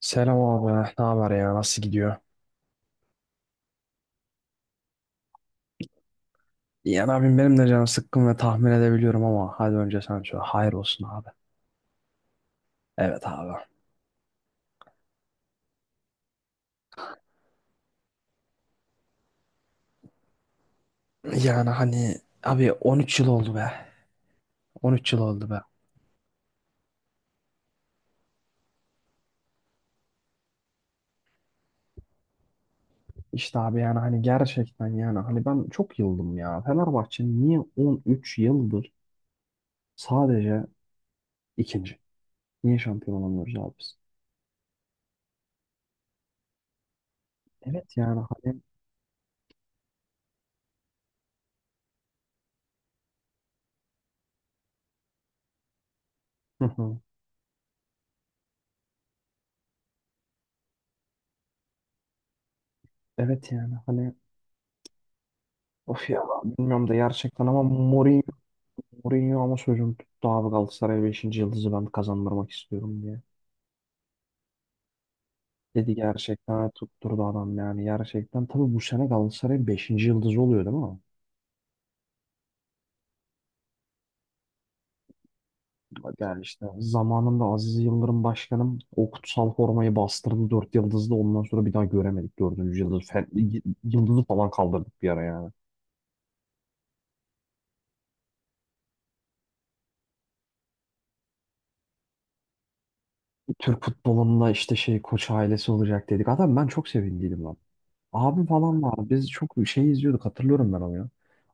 Selam abi. Ne haber ya? Nasıl gidiyor? Yani abim benim de canım sıkkın ve tahmin edebiliyorum ama hadi önce sen söyle. Hayır olsun abi. Evet abi. Yani hani abi 13 yıl oldu be. 13 yıl oldu be. İşte abi yani hani gerçekten yani hani ben çok yıldım ya. Fenerbahçe niye 13 yıldır sadece ikinci? Niye şampiyon olamıyoruz abi biz? Evet yani hani. Hı hı. Evet yani hani, of ya bilmiyorum da gerçekten ama Mourinho ama sözüm tuttu abi, Galatasaray beşinci yıldızı ben kazandırmak istiyorum diye. Dedi, gerçekten tutturdu adam yani, gerçekten. Tabii bu sene Galatasaray'ın beşinci yıldızı oluyor değil mi? Yani işte zamanında Aziz Yıldırım başkanım o kutsal formayı bastırdı, 4 yıldızlı, ondan sonra bir daha göremedik dördüncü yıldız. Yıldızı falan kaldırdık bir ara yani. Türk futbolunda işte şey, koç ailesi olacak dedik. Adam, ben çok sevindiydim lan. Abim falan var. Biz çok şey izliyorduk, hatırlıyorum ben onu ya.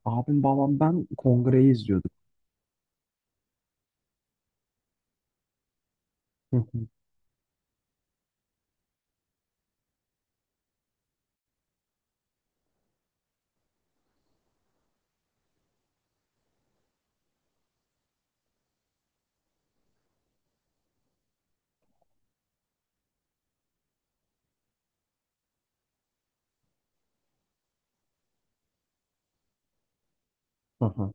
Abim, babam, ben kongreyi izliyorduk. Hı hı, hı hı.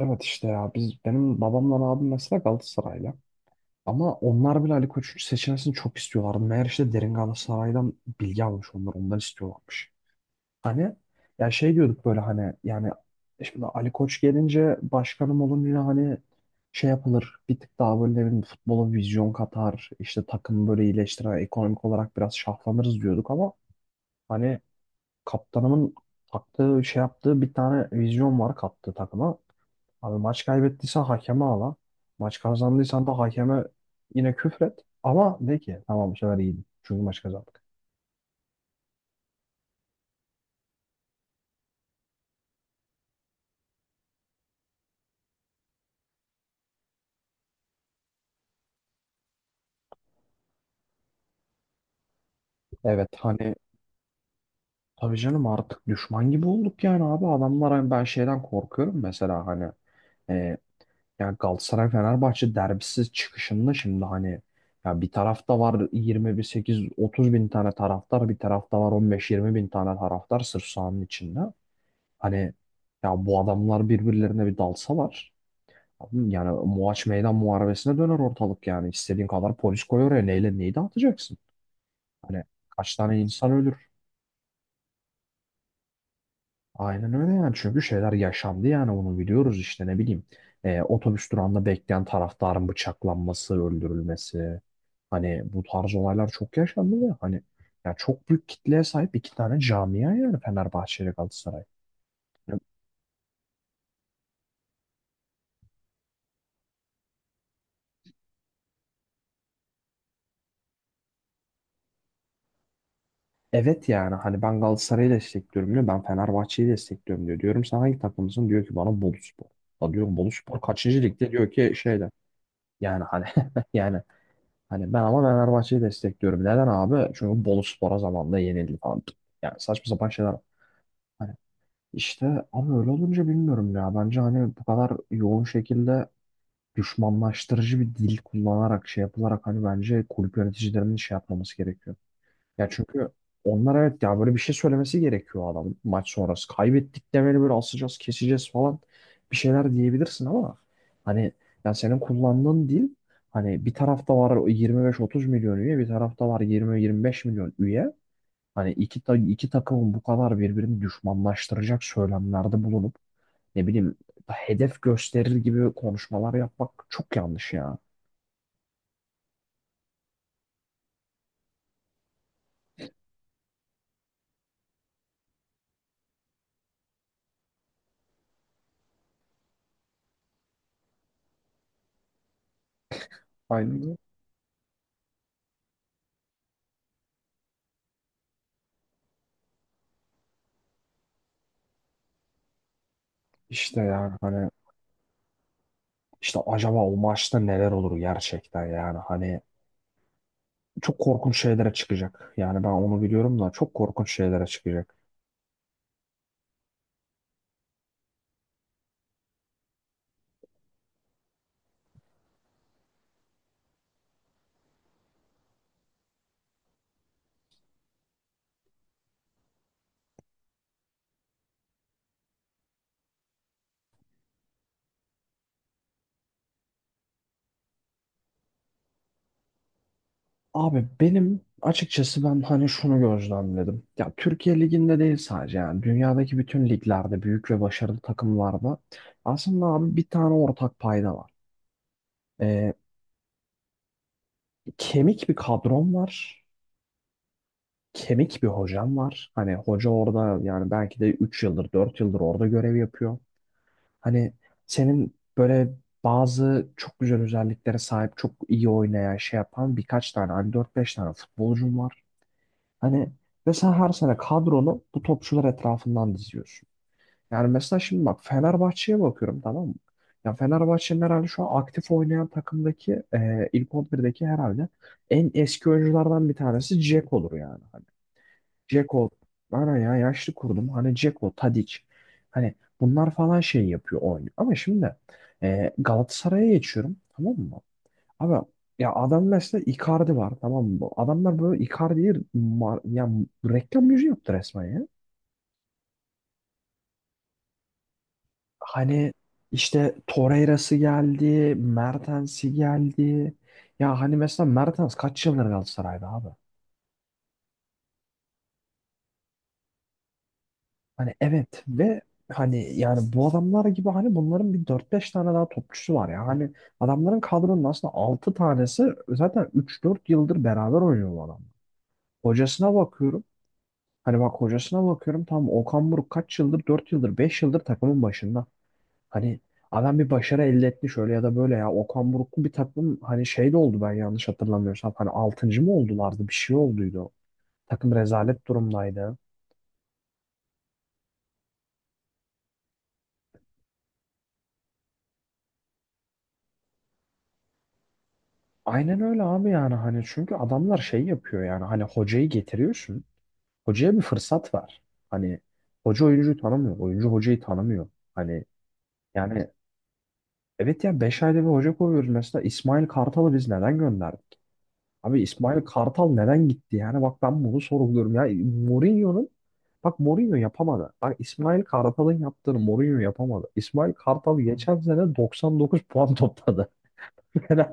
Evet işte ya, biz benim babamla abim mesela Galatasaraylı. Ama onlar bile Ali Koç'un seçilmesini çok istiyorlardı. Meğer işte derin Galatasaray'dan bilgi almış, onlar ondan istiyorlarmış. Hani ya, şey diyorduk böyle hani, yani şimdi Ali Koç gelince, başkanım olunca hani şey yapılır, bir tık daha böyle ne bileyim futbola vizyon katar, işte takımı böyle iyileştiren, ekonomik olarak biraz şahlanırız diyorduk ama hani, kaptanımın taktığı şey, yaptığı bir tane vizyon var kattığı takıma. Abi, maç kaybettiysen hakeme ağla. Maç kazandıysan da hakeme yine küfret. Ama de ki tamam, bu sefer iyiydi, çünkü maç kazandık. Evet hani. Tabii canım, artık düşman gibi olduk yani abi. Adamlar hani, ben şeyden korkuyorum mesela hani. E, Ya Galatasaray-Fenerbahçe derbisi çıkışında şimdi hani, ya bir tarafta var 20-8-30 bin tane taraftar, bir tarafta var 15-20 bin tane taraftar sırf sahanın içinde. Hani ya, bu adamlar birbirlerine bir dalsalar, abi yani Muaç Meydan Muharebesi'ne döner ortalık yani. İstediğin kadar polis koy oraya, neyle neyi dağıtacaksın? Hani kaç tane insan ölür? Aynen öyle yani, çünkü şeyler yaşandı yani, onu biliyoruz işte, ne bileyim. Otobüs durağında bekleyen taraftarın bıçaklanması, öldürülmesi. Hani bu tarz olaylar çok yaşandı ve hani ya, çok büyük kitleye sahip iki tane camia yani Fenerbahçe ile Galatasaray. Evet yani hani, ben Galatasaray'ı destekliyorum diyor. Ben Fenerbahçe'yi destekliyorum diyor. Diyorum sen hangi takımısın? Diyor ki bana, Boluspor. Ya diyorum, Boluspor kaçıncı ligde? Diyor ki şeyde. Yani hani yani hani, ben ama Fenerbahçe'yi destekliyorum. Neden abi? Çünkü Boluspor'a zamanında yenildi falan. Yani, saçma sapan şeyler. Hani işte, ama öyle olunca bilmiyorum ya. Bence hani, bu kadar yoğun şekilde düşmanlaştırıcı bir dil kullanarak, şey yapılarak, hani bence kulüp yöneticilerinin şey yapmaması gerekiyor. Ya çünkü onlar, evet ya böyle bir şey söylemesi gerekiyor adam maç sonrası. Kaybettik demeli, böyle asacağız, keseceğiz falan bir şeyler diyebilirsin ama hani ya, senin kullandığın dil, hani bir tarafta var 25-30 milyon üye, bir tarafta var 20-25 milyon üye. Hani iki, iki takımın bu kadar birbirini düşmanlaştıracak söylemlerde bulunup, ne bileyim, hedef gösterir gibi konuşmalar yapmak çok yanlış ya. Aynen öyle. İşte yani hani. İşte acaba o maçta neler olur gerçekten yani, hani çok korkunç şeylere çıkacak. Yani ben onu biliyorum da, çok korkunç şeylere çıkacak. Abi benim açıkçası, ben hani şunu gözlemledim. Ya Türkiye Ligi'nde değil sadece, yani dünyadaki bütün liglerde, büyük ve başarılı takımlarda aslında abi bir tane ortak payda var. Ee, Kemik bir kadron var. Kemik bir hocam var. Hani hoca orada yani, belki de 3 yıldır, 4 yıldır orada görev yapıyor. Hani senin böyle bazı çok güzel özelliklere sahip, çok iyi oynayan, şey yapan birkaç tane, hani dört beş tane futbolcun var. Hani ve sen her sene kadronu bu topçular etrafından diziyorsun. Yani mesela şimdi bak, Fenerbahçe'ye bakıyorum, tamam mı? Ya Fenerbahçe'nin herhalde şu an aktif oynayan takımdaki ilk on birdeki herhalde en eski oyunculardan bir tanesi Jack olur yani. Dzeko bana, ya yaşlı kurdum. Hani Dzeko, Tadic. Hani bunlar falan şey yapıyor, oynuyor. Ama şimdi Galatasaray'a geçiyorum, tamam mı? Abi ya, adam mesela Icardi var, tamam mı? Adamlar böyle Icardi'yi ya reklam yüzü yaptı resmen ya. Hani işte Torreira'sı geldi, Mertens'i geldi. Ya hani mesela, Mertens kaç yıldır Galatasaray'da abi? Hani evet, ve hani yani bu adamlar gibi, hani bunların bir dört beş tane daha topçusu var ya. Hani adamların kadronun aslında 6 tanesi zaten üç dört yıldır beraber oynuyor bu adamlar. Hocasına bakıyorum. Hani bak hocasına bakıyorum, tam Okan Buruk kaç yıldır, 4 yıldır, 5 yıldır takımın başında. Hani adam bir başarı elde etmiş öyle ya da böyle ya. Okan Buruk'lu bir takım hani, şey de oldu, ben yanlış hatırlamıyorsam. Hani altıncı mı oldulardı, bir şey olduydu. Takım rezalet durumdaydı. Aynen öyle abi, yani hani çünkü adamlar şey yapıyor, yani hani hocayı getiriyorsun. Hocaya bir fırsat ver. Hani hoca oyuncuyu tanımıyor, oyuncu hocayı tanımıyor. Hani yani. Evet ya, 5 ayda bir hoca koyuyoruz. Mesela İsmail Kartal'ı biz neden gönderdik? Abi İsmail Kartal neden gitti? Yani bak, ben bunu sorguluyorum ya. Mourinho'nun bak Mourinho yapamadı. Bak İsmail Kartal'ın yaptığını Mourinho yapamadı. İsmail Kartal geçen sene 99 puan topladı. Yani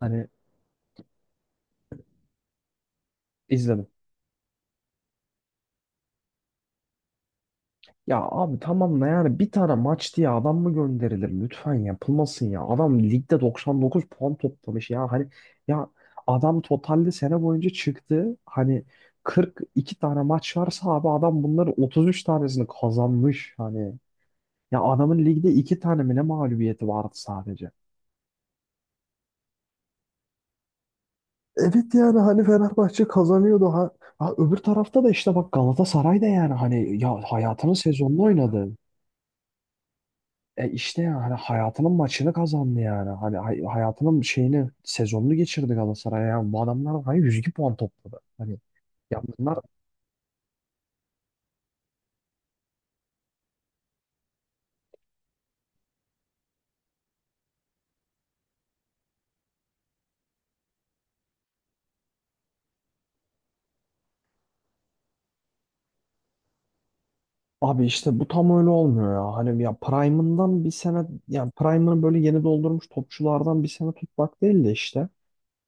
hani izledim. Ya abi tamam da, yani bir tane maç diye adam mı gönderilir? Lütfen yapılmasın ya. Adam ligde 99 puan toplamış ya. Hani ya, adam totalde sene boyunca çıktı. Hani 42 tane maç varsa abi, adam bunların 33 tanesini kazanmış. Hani ya, adamın ligde 2 tane mi ne mağlubiyeti vardı sadece. Evet yani hani Fenerbahçe kazanıyordu. Ha, ha öbür tarafta da işte bak, Galatasaray da yani hani ya hayatının sezonunu oynadı. E işte ya, hani hayatının maçını kazandı yani. Hani hayatının şeyini, sezonunu geçirdi Galatasaray. Yani bu adamlar hani 102 puan topladı. Hani ya bunlar, abi işte bu tam öyle olmuyor ya. Hani ya Prime'ından bir sene, yani Prime'ını böyle yeni doldurmuş topçulardan bir sene tutmak değil de işte.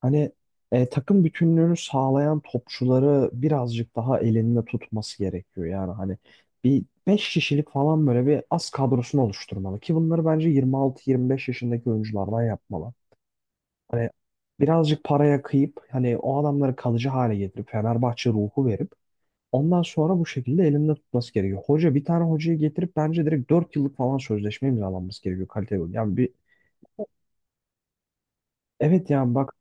Hani takım bütünlüğünü sağlayan topçuları birazcık daha elinde tutması gerekiyor. Yani hani bir 5 kişilik falan böyle bir az kadrosunu oluşturmalı ki, bunları bence 26-25 yaşındaki oyunculardan yapmalı. Hani birazcık paraya kıyıp, hani o adamları kalıcı hale getirip, Fenerbahçe ruhu verip, ondan sonra bu şekilde elinde tutması gerekiyor. Hoca, bir tane hocayı getirip bence direkt 4 yıllık falan sözleşme imzalanması gerekiyor, kaliteli oyun. Yani bir, evet yani bak,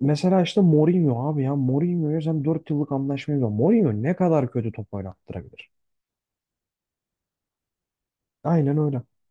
mesela işte Mourinho abi, ya Mourinho'ya sen 4 yıllık anlaşma imzalan. Mourinho ne kadar kötü top oynattırabilir. Aynen öyle.